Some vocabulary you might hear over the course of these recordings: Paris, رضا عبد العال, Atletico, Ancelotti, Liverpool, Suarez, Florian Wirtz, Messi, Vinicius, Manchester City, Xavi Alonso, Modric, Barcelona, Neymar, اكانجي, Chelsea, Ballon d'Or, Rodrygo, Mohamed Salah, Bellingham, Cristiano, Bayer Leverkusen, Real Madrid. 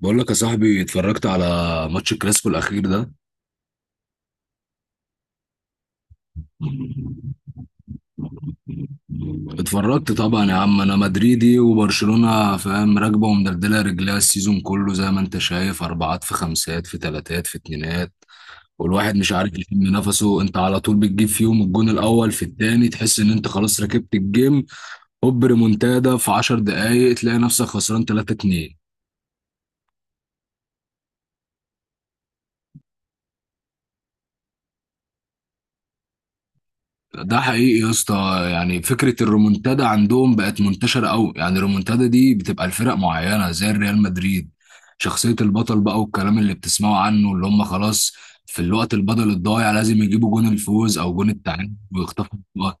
بقول لك يا صاحبي، اتفرجت على ماتش الكلاسيكو الاخير ده. اتفرجت طبعا يا عم، انا مدريدي وبرشلونة فاهم راكبه ومدلدله رجليها السيزون كله. زي ما انت شايف، اربعات في خمسات في تلاتات في اتنينات، والواحد مش عارف يشم نفسه. انت على طول بتجيب فيهم الجون الاول في التاني، تحس ان انت خلاص ركبت الجيم، هوب ريمونتادا في 10 دقايق تلاقي نفسك خسران 3-2. ده حقيقي يا اسطى، يعني فكره الرومونتادا عندهم بقت منتشره قوي. يعني الرومونتادا دي بتبقى لفرق معينه زي الريال مدريد، شخصيه البطل بقى، والكلام اللي بتسمعه عنه اللي هم خلاص في الوقت البدل الضايع لازم يجيبوا جون الفوز او جون التعادل ويخطفوا الوقت.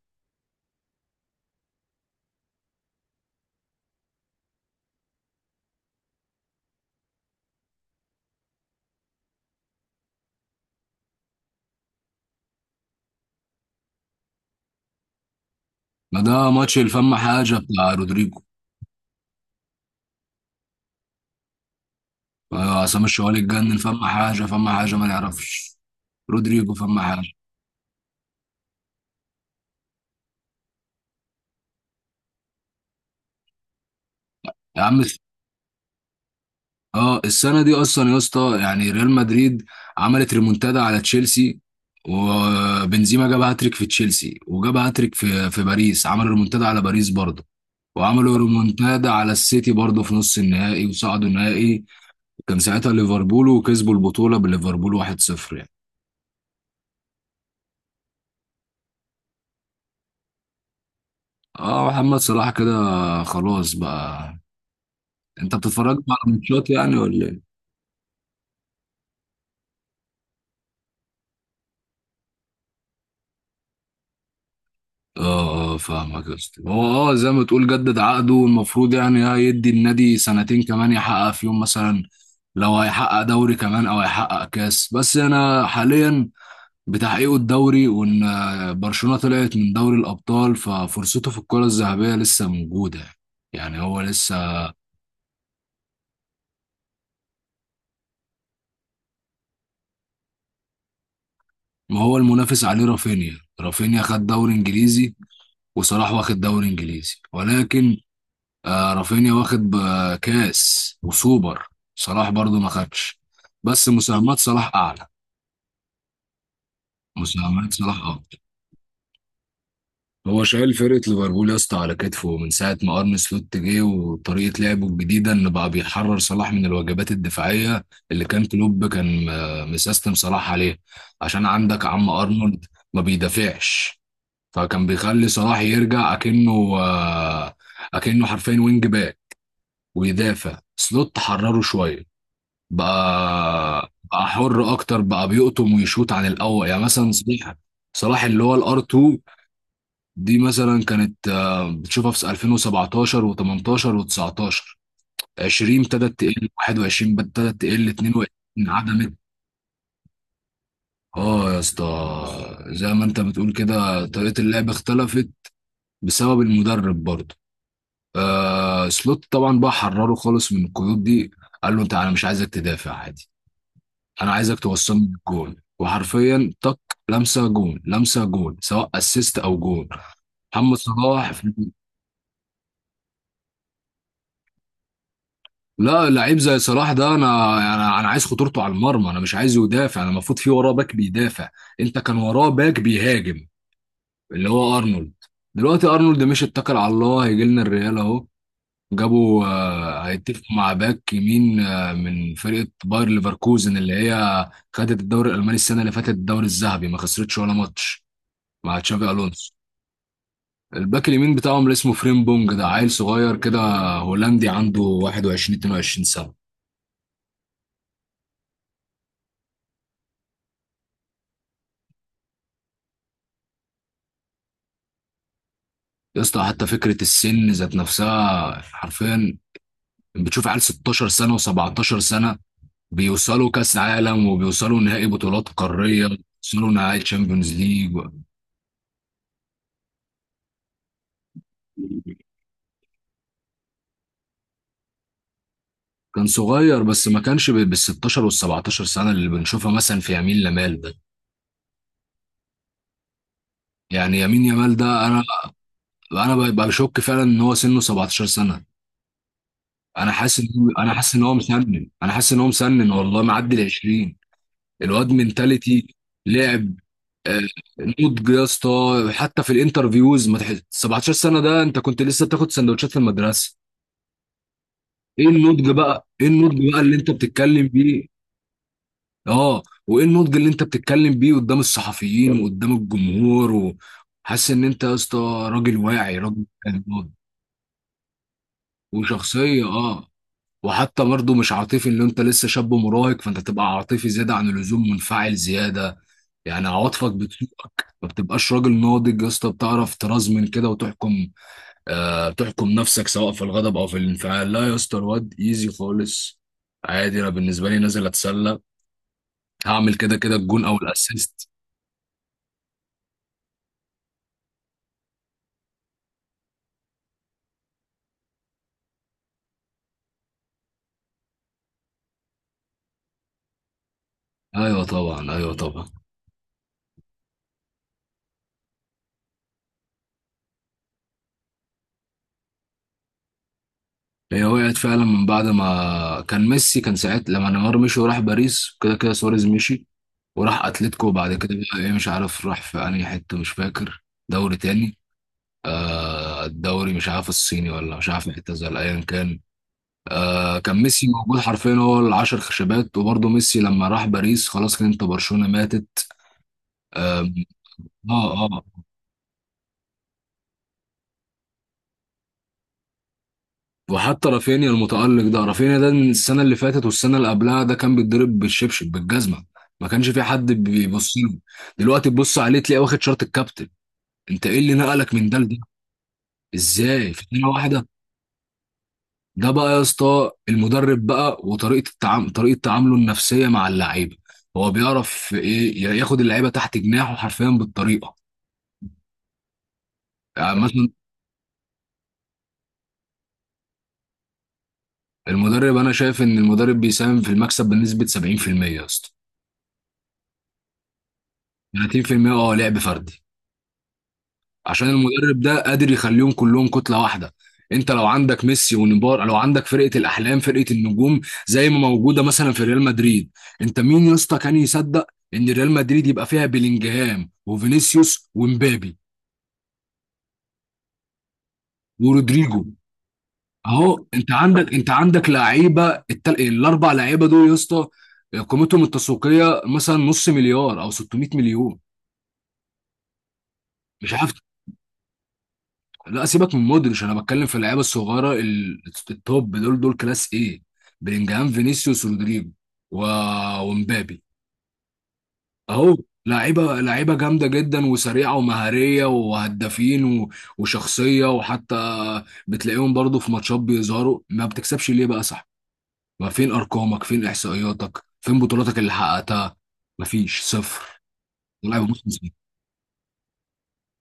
ما ده ماتش الفم حاجه بتاع رودريجو. عصام الشوالي اتجنن، فم حاجه فم حاجه ما نعرفش، رودريجو فم حاجه. يا عم، اه السنه دي اصلا يا اسطى يعني ريال مدريد عملت ريمونتادا على تشيلسي، وبنزيما جاب هاتريك في تشيلسي، وجاب هاتريك في باريس، عمل ريمونتادا على باريس برضه. وعملوا ريمونتادا على السيتي برضه في نص النهائي وصعدوا النهائي، كان ساعتها ليفربول، وكسبوا البطوله بليفربول 1-0 يعني. اه، محمد صلاح كده خلاص بقى. انت بتتفرج بقى على الماتشات يعني ولا إيه؟ اه اه، فاهمك يا اسطى. هو اه زي ما تقول جدد عقده، المفروض يعني هيدي النادي سنتين كمان يحقق فيهم مثلا، لو هيحقق دوري كمان او هيحقق كاس. بس انا حاليا بتحقيقه الدوري، وان برشلونة طلعت من دوري الابطال، ففرصته في الكرة الذهبية لسه موجودة، يعني هو لسه. ما هو المنافس عليه رافينيا، رافينيا خد دوري انجليزي، وصلاح واخد دوري انجليزي، ولكن آه رافينيا واخد بكاس وسوبر، صلاح برضو ما خدش. بس مساهمات صلاح اعلى، مساهمات صلاح اكتر. هو شايل فرقة ليفربول يا اسطى على كتفه من ساعة ما أرن سلوت جه، وطريقة لعبه الجديدة إن بقى بيحرر صلاح من الواجبات الدفاعية اللي كان كلوب كان مسيستم صلاح عليه. عشان عندك عم أرنولد ما بيدافعش، فكان بيخلي صلاح يرجع أكنه، أكنه حرفيا وينج باك ويدافع. سلوت حرره شوية، بقى حر اكتر، بقى بيقطم ويشوط عن الاول. يعني مثلا صلاح، صلاح اللي هو الار 2، دي مثلا كانت بتشوفها في 2017 و18 و19. 20 ابتدت تقل، 21 ابتدت تقل 22، عدمت. اه يا اسطى، زي ما انت بتقول كده، طريقة اللعب اختلفت بسبب المدرب برضه. آه، سلوت طبعا بقى حرره خالص من القيود دي، قال له انت، انا مش عايزك تدافع عادي، انا عايزك توصلني الجون وحرفيا طق، لمسه جون لمسه جون، سواء اسيست او جون. محمد صلاح في... لا، لعيب زي صلاح ده، انا انا عايز خطورته على المرمى، انا مش عايزه يدافع، انا المفروض في وراه باك بيدافع. انت كان وراه باك بيهاجم اللي هو ارنولد. دلوقتي ارنولد مش، اتكل على الله هيجي لنا الريال اهو، جابوا، هيتفقوا مع باك يمين من فرقه باير ليفركوزن اللي هي خدت الدوري الالماني السنه اللي فاتت، الدوري الذهبي ما خسرتش ولا ماتش مع تشافي الونسو. الباك اليمين بتاعهم اللي اسمه فريم بونج، ده عيل صغير كده، هولندي عنده 21 22 سنة. يا اسطى، حتى فكرة السن ذات نفسها، حرفيا بتشوف عيال 16 سنة و17 سنة بيوصلوا كأس عالم، وبيوصلوا نهائي بطولات قارية، بيوصلوا نهائي تشامبيونز ليج. كان صغير بس ما كانش بال 16 وال 17 سنه اللي بنشوفها مثلا في يمين لمال ده. يعني يمين يمال ده، انا ببقى بشك فعلا ان هو سنه 17 سنه. انا حاسس ان هو، انا حاسس ان هو مسنن انا حاسس ان هو مسنن والله معدي ال 20. الواد منتاليتي، لعب آه، نضج يا اسطى. حتى في الانترفيوز ما تحس 17 سنه، ده انت كنت لسه بتاخد سندوتشات في المدرسه. ايه النضج بقى، ايه النضج بقى اللي انت بتتكلم بيه. اه، وايه النضج اللي انت بتتكلم بيه قدام الصحفيين وقدام الجمهور و-. حاسس ان انت يا اسطى راجل واعي، راجل كان ناضج، وشخصيه اه. وحتى برضه مش عاطفي، ان انت لسه شاب مراهق فانت تبقى عاطفي زياده عن اللزوم، منفعل زياده. يعني عواطفك بتسوقك، ما بتبقاش راجل ناضج يا اسطى، بتعرف ترزمن كده وتحكم. آه، تحكم نفسك سواء في الغضب او في الانفعال. لا يا اسطى، الواد ايزي خالص عادي، انا بالنسبه لي نازل اتسلى، هعمل كده كده الجون او الاسيست. ايوه طبعا، ايوه طبعا. هي وقعت فعلا من بعد ما كان ميسي، كان ساعتها لما نيمار مشي وراح باريس، كده كده سواريز مشي وراح اتلتيكو بعد كده. بقى ايه، مش عارف راح في انهي حته، مش فاكر، دوري تاني. آه، الدوري مش عارف الصيني، ولا مش عارف اعتزل، ايا كان. آه، كان ميسي موجود حرفيا هو العشر خشبات، وبرضه ميسي لما راح باريس خلاص، كان انت برشلونه ماتت. آم، اه اه. وحتى رافينيا المتألق ده، رافينيا ده من السنة اللي فاتت والسنة اللي قبلها، ده كان بيتضرب بالشبشب بالجزمة، ما كانش في حد بيبص له. دلوقتي تبص عليه تلاقيه واخد شارة الكابتن. انت ايه اللي نقلك من ده لده؟ ازاي في سنة واحدة؟ ده بقى يا اسطى المدرب بقى، وطريقه التعامل، طريقه تعامله النفسيه مع اللعيبه. هو بيعرف ايه، ياخد اللعيبه تحت جناحه حرفيا بالطريقه. يعني مثلا المدرب، انا شايف ان المدرب بيساهم في المكسب بنسبه 70% يا اسطى، 30% اه لعب فردي. عشان المدرب ده قادر يخليهم كلهم كتله واحده. انت لو عندك ميسي ونيمار، لو عندك فرقه الاحلام، فرقه النجوم زي ما موجوده مثلا في ريال مدريد. انت مين يا اسطى كان يصدق ان ريال مدريد يبقى فيها بيلينجهام وفينيسيوس ومبابي ورودريجو؟ اهو، انت عندك لعيبه، التل... الاربع لعيبه دول يا اسطى، قيمتهم التسويقيه مثلا نص مليار او 600 مليون، مش عارف. لا، سيبك من مودريتش، انا بتكلم في اللعيبه الصغيره ال- التوب، دول دول كلاس ايه، بلينجهام فينيسيوس رودريجو و... ومبابي اهو. لعيبه، لعيبه جامده جدا وسريعه ومهاريه وهدافين و... وشخصيه. وحتى بتلاقيهم برضو في ماتشات بيظهروا، ما بتكسبش ليه بقى؟ صح، ما فين ارقامك، فين احصائياتك، فين بطولاتك اللي حققتها؟ مفيش، صفر. لاعب بص،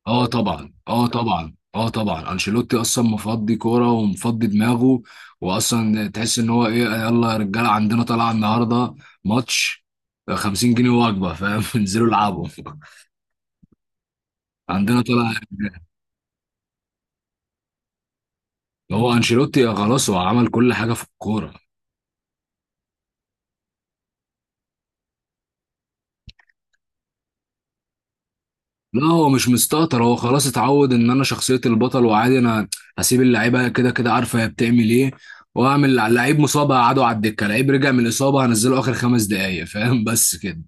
اه طبعا اه طبعا اه طبعا، انشيلوتي اصلا مفضي كوره ومفضي دماغه. واصلا تحس ان هو ايه، يلا يا رجاله عندنا طالعه النهارده ماتش، 50 جنيه وجبه فاهم انزلوا العبوا، عندنا طالعه. هو انشيلوتي خلاص، هو عمل كل حاجه في الكوره. لا هو مش مستهتر، هو خلاص اتعود ان انا شخصية البطل، وعادي انا هسيب اللعيبة كده كده، عارفة هي بتعمل ايه. واعمل لعيب مصاب هقعده على الدكة، لعيب رجع من الإصابة هنزله آخر خمس دقايق فاهم بس كده.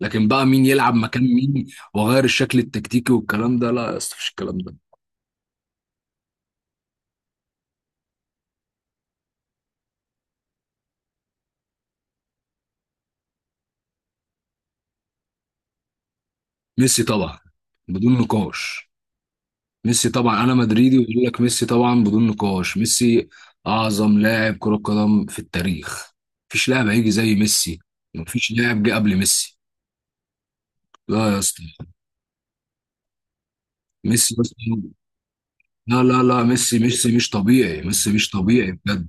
لكن بقى مين يلعب مكان مين، واغير الشكل التكتيكي والكلام ده، لا يا اسطى مفيش الكلام ده. ميسي طبعا بدون نقاش، ميسي طبعا، انا مدريدي وبقول لك ميسي طبعا بدون نقاش. ميسي اعظم لاعب كرة قدم في التاريخ، مفيش لاعب هيجي زي ميسي، مفيش لاعب جه قبل ميسي. لا يا اسطى، ميسي أصلاً- لا لا لا، ميسي مش طبيعي، ميسي مش طبيعي بجد.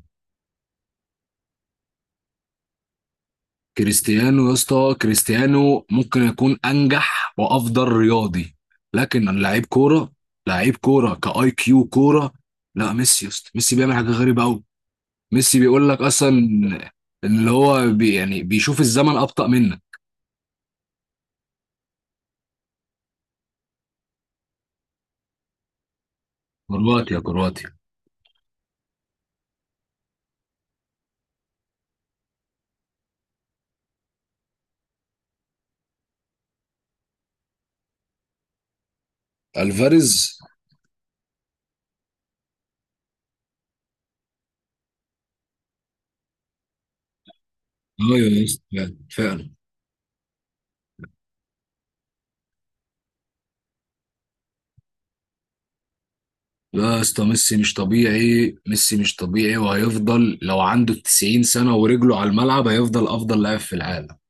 كريستيانو يا اسطى، كريستيانو ممكن يكون انجح وافضل رياضي، لكن لعيب كوره، لعيب كوره كاي كيو كوره. لا، ميسي يا اسطى، ميسي بيعمل حاجه غريبه قوي. ميسي بيقول لك اصلا ان اللي هو بي يعني بيشوف الزمن ابطا منك. كرواتيا كرواتيا، الفاريز. ايوه يا اسطى، فعلا فعلاً. لا يا اسطى، ميسي مش طبيعي، ميسي مش طبيعي، وهيفضل لو عنده 90 سنة ورجله على الملعب هيفضل أفضل لاعب في العالم.